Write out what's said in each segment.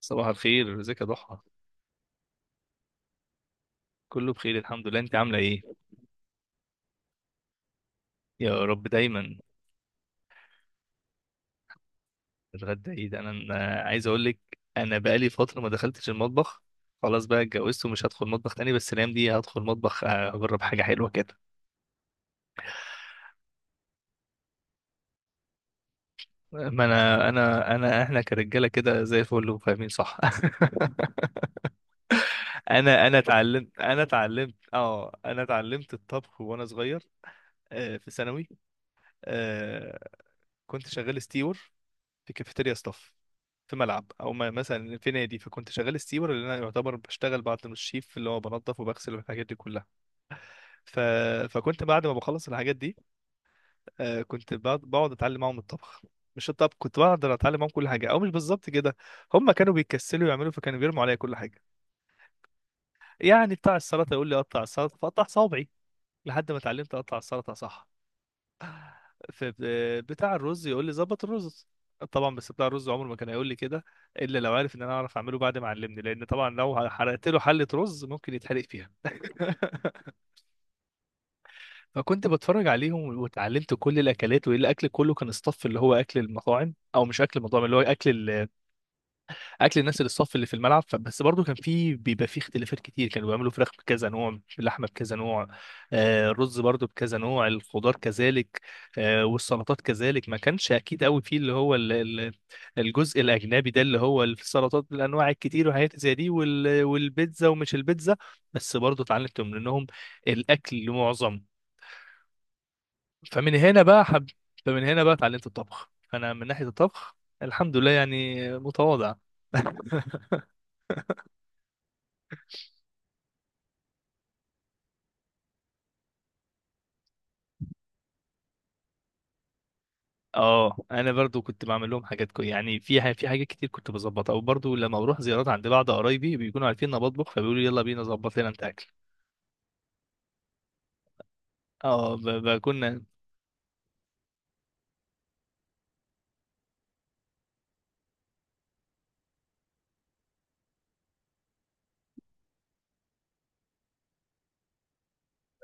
صباح الخير، ازيك يا ضحى؟ كله بخير الحمد لله، انت عامله ايه؟ يا رب دايما. الغدا ايه ده؟ أنا عايز اقول لك، انا بقالي فتره ما دخلتش المطبخ. خلاص بقى اتجوزت ومش هدخل مطبخ تاني، بس الايام دي هدخل مطبخ اجرب حاجه حلوه كده. ما انا انا انا احنا كرجاله كده زي الفل وفاهمين صح. انا انا اتعلمت انا اتعلمت اه انا اتعلمت الطبخ وانا صغير. في ثانوي. آه، كنت شغال ستيور في كافيتيريا ستاف، في ملعب او مثلا في نادي. فكنت شغال ستيور، اللي انا يعتبر بشتغل بعد ما الشيف اللي هو بنظف وبغسل والحاجات دي كلها. ف... فكنت بعد ما بخلص الحاجات دي، كنت بقعد اتعلم معاهم الطبخ. مش الطبخ، كنت بقعد اتعلم معاهم كل حاجه، او مش بالظبط كده. هم كانوا بيكسلوا يعملوا، فكانوا بيرموا عليا كل حاجه. يعني بتاع السلطه يقول لي قطع السلطه، فاقطع صوابعي لحد ما اتعلمت اقطع السلطه صح. في بتاع الرز يقول لي ظبط الرز، طبعا بس بتاع الرز عمره ما كان هيقول لي كده الا لو عارف ان انا اعرف اعمله، بعد ما علمني، لان طبعا لو حرقت له حله رز ممكن يتحرق فيها. فكنت بتفرج عليهم واتعلمت كل الاكلات، والاكل كله كان اصطف اللي هو اكل المطاعم، او مش اكل المطاعم، اللي هو اكل اكل الناس اللي الصف اللي في الملعب. فبس برضو كان في بيبقى في اختلافات كتير، كانوا بيعملوا فراخ بكذا نوع، اللحمه بكذا نوع، الرز برضو بكذا نوع، الخضار كذلك، والسلطات كذلك. ما كانش اكيد قوي فيه اللي هو الجزء الاجنبي ده اللي هو السلطات بالانواع الكتير وحاجات زي دي والبيتزا ومش البيتزا. بس برضو اتعلمت منهم الاكل معظم. فمن هنا بقى حب، فمن هنا بقى اتعلمت الطبخ. فانا من ناحيه الطبخ الحمد لله يعني متواضع. اه، انا برضو كنت بعمل لهم حاجات كو، يعني في في حاجات كتير كنت بظبطها. وبرضو لما بروح زيارات عند بعض قرايبي بيكونوا عارفين ان انا بطبخ، فبيقولوا يلا بينا ظبط لنا انت اكل. اه بكون،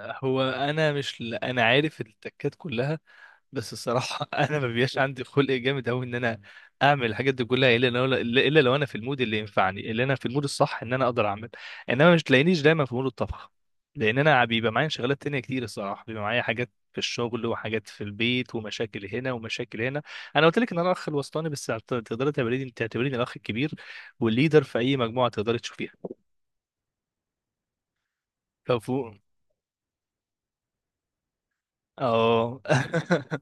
هو انا مش انا عارف التكات كلها، بس الصراحه انا ما بيبقاش عندي خلق جامد قوي ان انا اعمل الحاجات دي كلها الا لو انا في المود اللي ينفعني، اللي انا في المود الصح ان انا اقدر اعمل. انما مش تلاقينيش دايما في مود الطبخ، لان انا بيبقى معايا شغلات تانية كتير الصراحه، بيبقى معايا حاجات في الشغل وحاجات في البيت ومشاكل هنا ومشاكل هنا. انا قلت لك ان انا الاخ الوسطاني، بس تقدري تعتبريني الاخ الكبير والليدر في اي مجموعه تقدري تشوفيها. لو فوق، اه.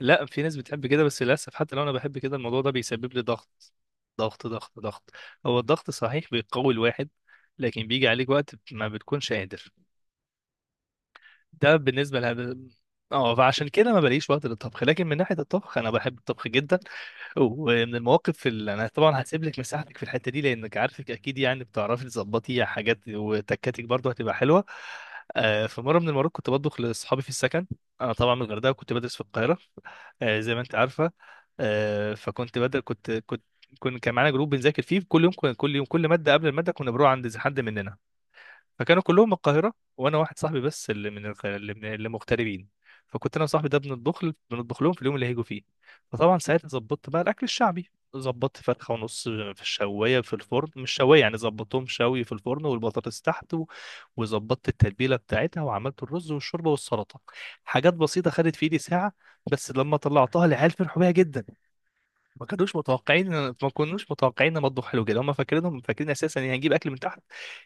لا، في ناس بتحب كده، بس للاسف حتى لو انا بحب كده الموضوع ده بيسبب لي ضغط، ضغط، ضغط، ضغط. هو الضغط صحيح بيقوي الواحد، لكن بيجي عليك وقت ما بتكونش قادر. ده بالنسبه لها. اه، فعشان كده ما بلاقيش وقت للطبخ، لكن من ناحيه الطبخ انا بحب الطبخ جدا. ومن المواقف اللي انا طبعا هسيب لك مساحتك في الحته دي لانك عارفك اكيد، يعني بتعرفي تظبطي حاجات وتكاتك برضه هتبقى حلوه. في مره من المرات كنت بطبخ لاصحابي في السكن. انا طبعا من الغردقه كنت بدرس في القاهره، زي ما انت عارفه. فكنت بدل كنت كنت كنا كان معانا جروب بنذاكر فيه كل يوم، كل يوم كل ماده قبل الماده كنا بنروح عند حد مننا. فكانوا كلهم من القاهرة، وأنا واحد صاحبي بس اللي من اللي مغتربين. فكنت أنا وصاحبي ده بنطبخ، بنطبخ لهم في اليوم اللي هيجوا فيه. فطبعا ساعتها ظبطت بقى الأكل الشعبي. ظبطت فرخة ونص في الشواية في الفرن، مش شواية يعني، ظبطتهم شوي في الفرن والبطاطس تحت وظبطت التتبيلة بتاعتها، وعملت الرز والشوربة والسلطة. حاجات بسيطة خدت في إيدي ساعة. بس لما طلعتها العيال فرحوا بيها جدا، ما كانوش متوقعين. ما كناش متوقعين ان مطبخ حلو كده. هم فاكرين اساسا ان هنجيب اكل من تحت،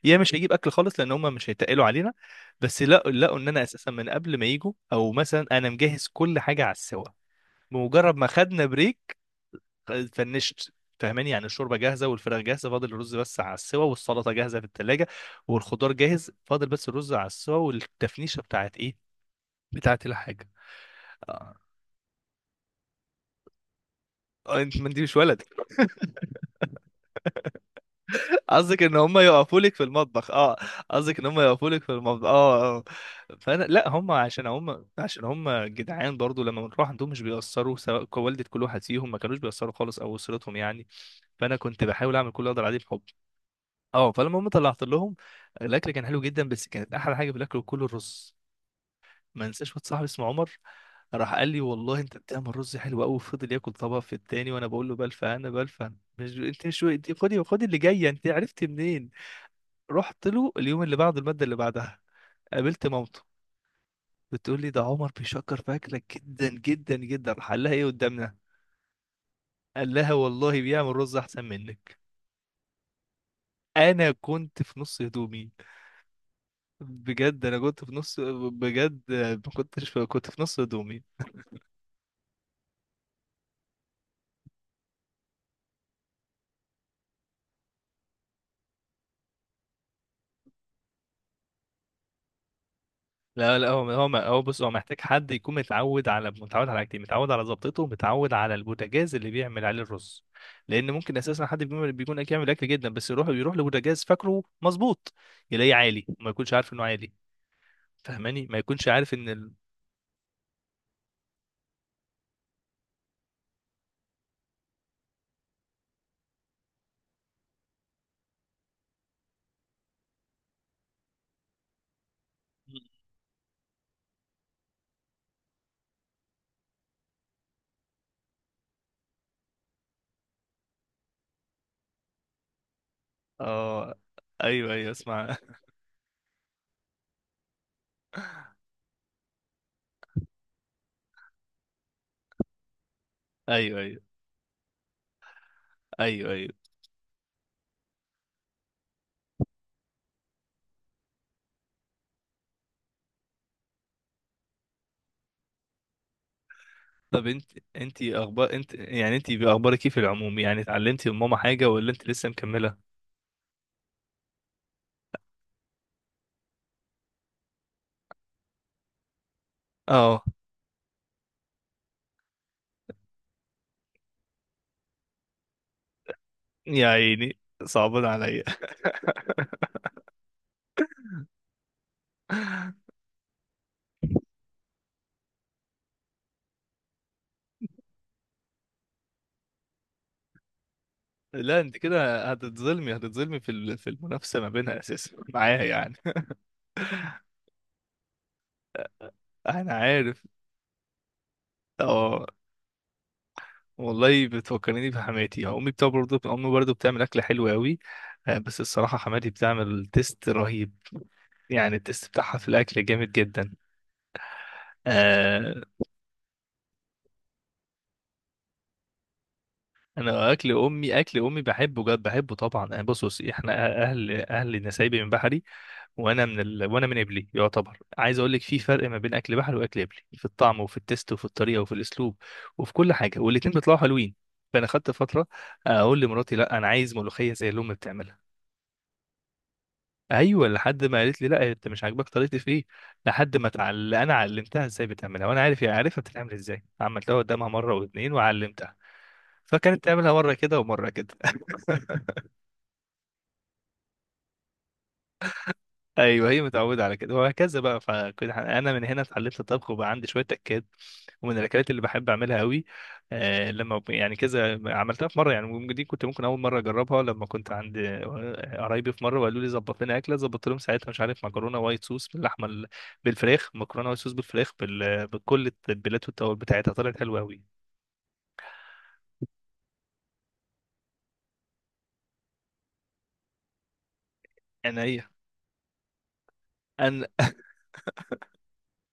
يا مش هيجيب اكل خالص، لان هم مش هيتقلوا علينا. بس لا، لقوا ان انا اساسا من قبل ما يجوا، او مثلا انا مجهز كل حاجه على السوا بمجرد ما خدنا بريك. فنشت، فاهماني، يعني الشوربه جاهزه والفراخ جاهزه، فاضل الرز بس على السوا والسلطه جاهزه في الثلاجه، والخضار جاهز، فاضل بس الرز على السوا والتفنيشه بتاعت ايه، بتاعت الحاجه. آه، انت ما انت مش ولد. قصدك ان هم يقفوا لك في المطبخ، اه. قصدك ان هم يقفوا لك في المطبخ، اه، اه. فانا لا، هم عشان هم جدعان برضو، لما بنروح عندهم مش بيأثروا، سواء والدة كل واحد فيهم ما كانوش بيأثروا خالص، او اسرتهم يعني. فانا كنت بحاول اعمل كل اللي اقدر عليه بحب. اه، فلما هم طلعت لهم الاكل كان حلو جدا، بس كانت احلى حاجه في الاكل كله الرز. ما انساش واحد صاحبي اسمه عمر راح قال لي والله انت بتعمل رز حلو قوي، وفضل ياكل طبق في التاني وانا بقول له بلفه انا بلفه. مش انت مش خدي، اللي جايه انت عرفتي منين. رحت له اليوم اللي بعده المادة اللي بعدها، قابلت مامته. بتقول لي ده عمر بيشكر في أكلك جدا جدا جدا، حلها ايه قدامنا. قال لها والله بيعمل رز أحسن منك. أنا كنت في نص هدومي، بجد أنا كنت في نص، بجد ما كنتش كنت في نص هدومي. لا لا، هو هو هو بص، هو محتاج حد يكون متعود على متعود على حاجتين، متعود على ظبطته، ومتعود على البوتاجاز اللي بيعمل عليه الرز. لان ممكن اساسا حد يعمل اكل جدا، بس يروح لبوتاجاز فاكره مظبوط، يلاقيه عالي وما يكونش عارف انه عالي. فاهماني، ما يكونش عارف ان اه، ايوه، ايوه، اسمع. ايوه، ايوه، ايوه، ايوه، طب انت، اخبار انت يعني، انت باخبارك ايه في العموم؟ يعني اتعلمتي من ماما حاجه ولا انت لسه مكمله؟ اه، يا عيني، صعبان عليا. لا انت كده هتتظلمي في في المنافسه ما بينها اساسا معايا يعني. انا عارف، اه. والله بتفكرني بحماتي، امي بتاع برضه، امي برضه بتعمل اكل حلو قوي. بس الصراحه حماتي بتعمل تيست رهيب، يعني التيست بتاعها في الاكل جامد جدا. آه، انا اكل امي بحبه جد، بحبه طبعا يعني. بص، بص، احنا اهل نسايبي من بحري، وانا من وانا من قبلي يعتبر. عايز اقول لك، في فرق ما بين اكل بحري واكل قبلي، في الطعم وفي التست وفي الطريقه وفي الاسلوب وفي كل حاجه، والاتنين بيطلعوا حلوين. فانا خدت فتره اقول لمراتي لا انا عايز ملوخيه زي اللي امي بتعملها. ايوه، لحد ما قالت لي لا انت مش عاجباك طريقتي في ايه. لحد ما انا علمتها ازاي بتعملها، وانا عارف هي عارفها بتتعمل ازاي، عملتها قدامها مره واثنين وعلمتها. فكانت تعملها مره كده ومره كده. ايوه، هي متعوده على كده وهكذا بقى. فكنت انا من هنا اتعلمت الطبخ، وبقى عندي شويه تكات. ومن الاكلات اللي بحب اعملها قوي، آه لما يعني كذا عملتها في مره، يعني دي كنت ممكن اول مره اجربها، لما كنت عند قرايبي في مره وقالوا لي ظبط لنا اكله. ظبطت لهم ساعتها مش عارف، مكرونه وايت صوص باللحمه بالفراخ. مكرونه وايت صوص بالفراخ بكل التتبيلات والتوابل بتاعتها، طلعت حلوه قوي. انا ايه؟ انا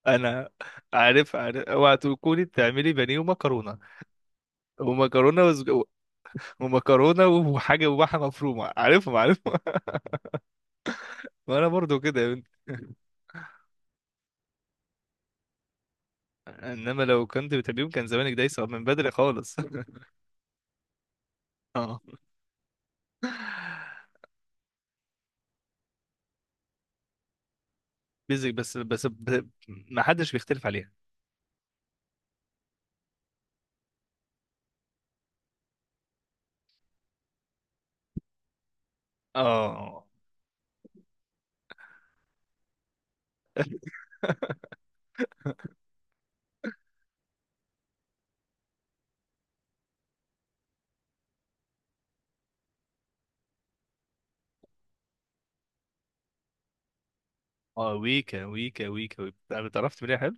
انا عارف، اوعى تكوني بتعملي بانيه ومكرونه ومكرونه وحاجه وبحه مفرومه، عارفهم. وانا برضو كده يا بنت. انما لو كنت بتحبيهم كان زمانك دايسه من بدري خالص. اه، بيزك بس، ما حدش بيختلف عليها. اه، اه، ويكا، ويكا، ويكا، ويكا، انا اتعرفت منها، حلو.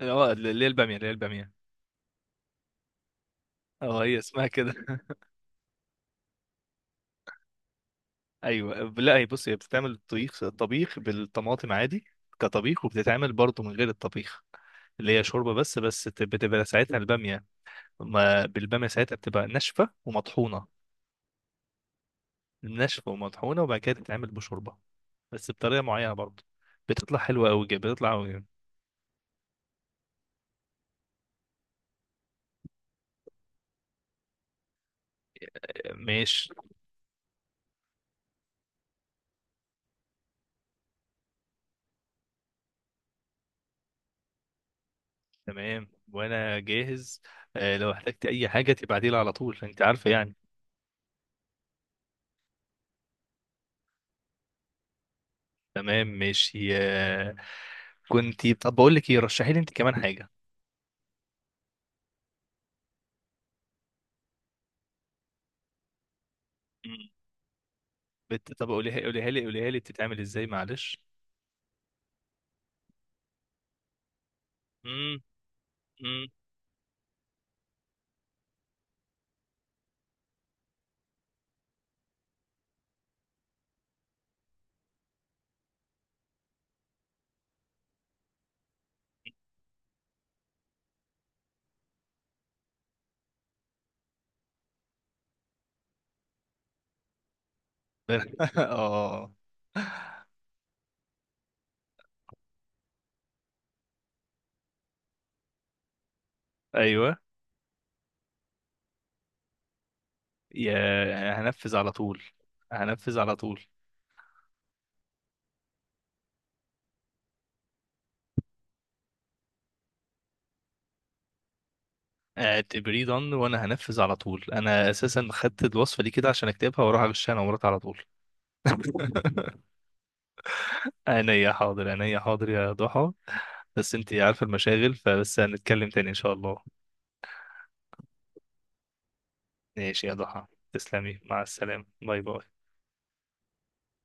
اه، اللي هي الباميه، اللي هي الباميه. اه، هي اسمها كده. ايوه لا، هي بص، هي بتتعمل طبيخ، طبيخ بالطماطم عادي كطبيخ، وبتتعمل برضه من غير الطبيخ اللي هي شوربه بس. بس بتبقى ساعتها الباميه، ما بالبامية ساعتها بتبقى ناشفة ومطحونة، ناشفة ومطحونة، وبعد كده تتعمل بشوربة بس بطريقة معينة برضه. بتطلع حلوة أوي جدا، بتطلع أوي. ماشي، تمام، وأنا جاهز. لو احتجت أي حاجة تبعتيلي على طول، أنت عارفة يعني. تمام ماشي. كنت طب بقول لك إيه، رشحي لي أنت كمان حاجة. مم. طب قوليها، قوليها لي، قوليها لي بتتعمل إزاي، معلش. مم. مم. آه، أيوه، يا هنفذ على طول، هنفذ على طول. اعتبريه done وانا هنفذ على طول، انا اساسا خدت الوصفه دي كده عشان اكتبها واروح اغشها انا ومراتي على طول. عينيا حاضر، عينيا حاضر، يا ضحى. بس انت عارفه المشاغل، فبس هنتكلم تاني ان شاء الله. ماشي يا ضحى، تسلمي، مع السلامه، باي باي.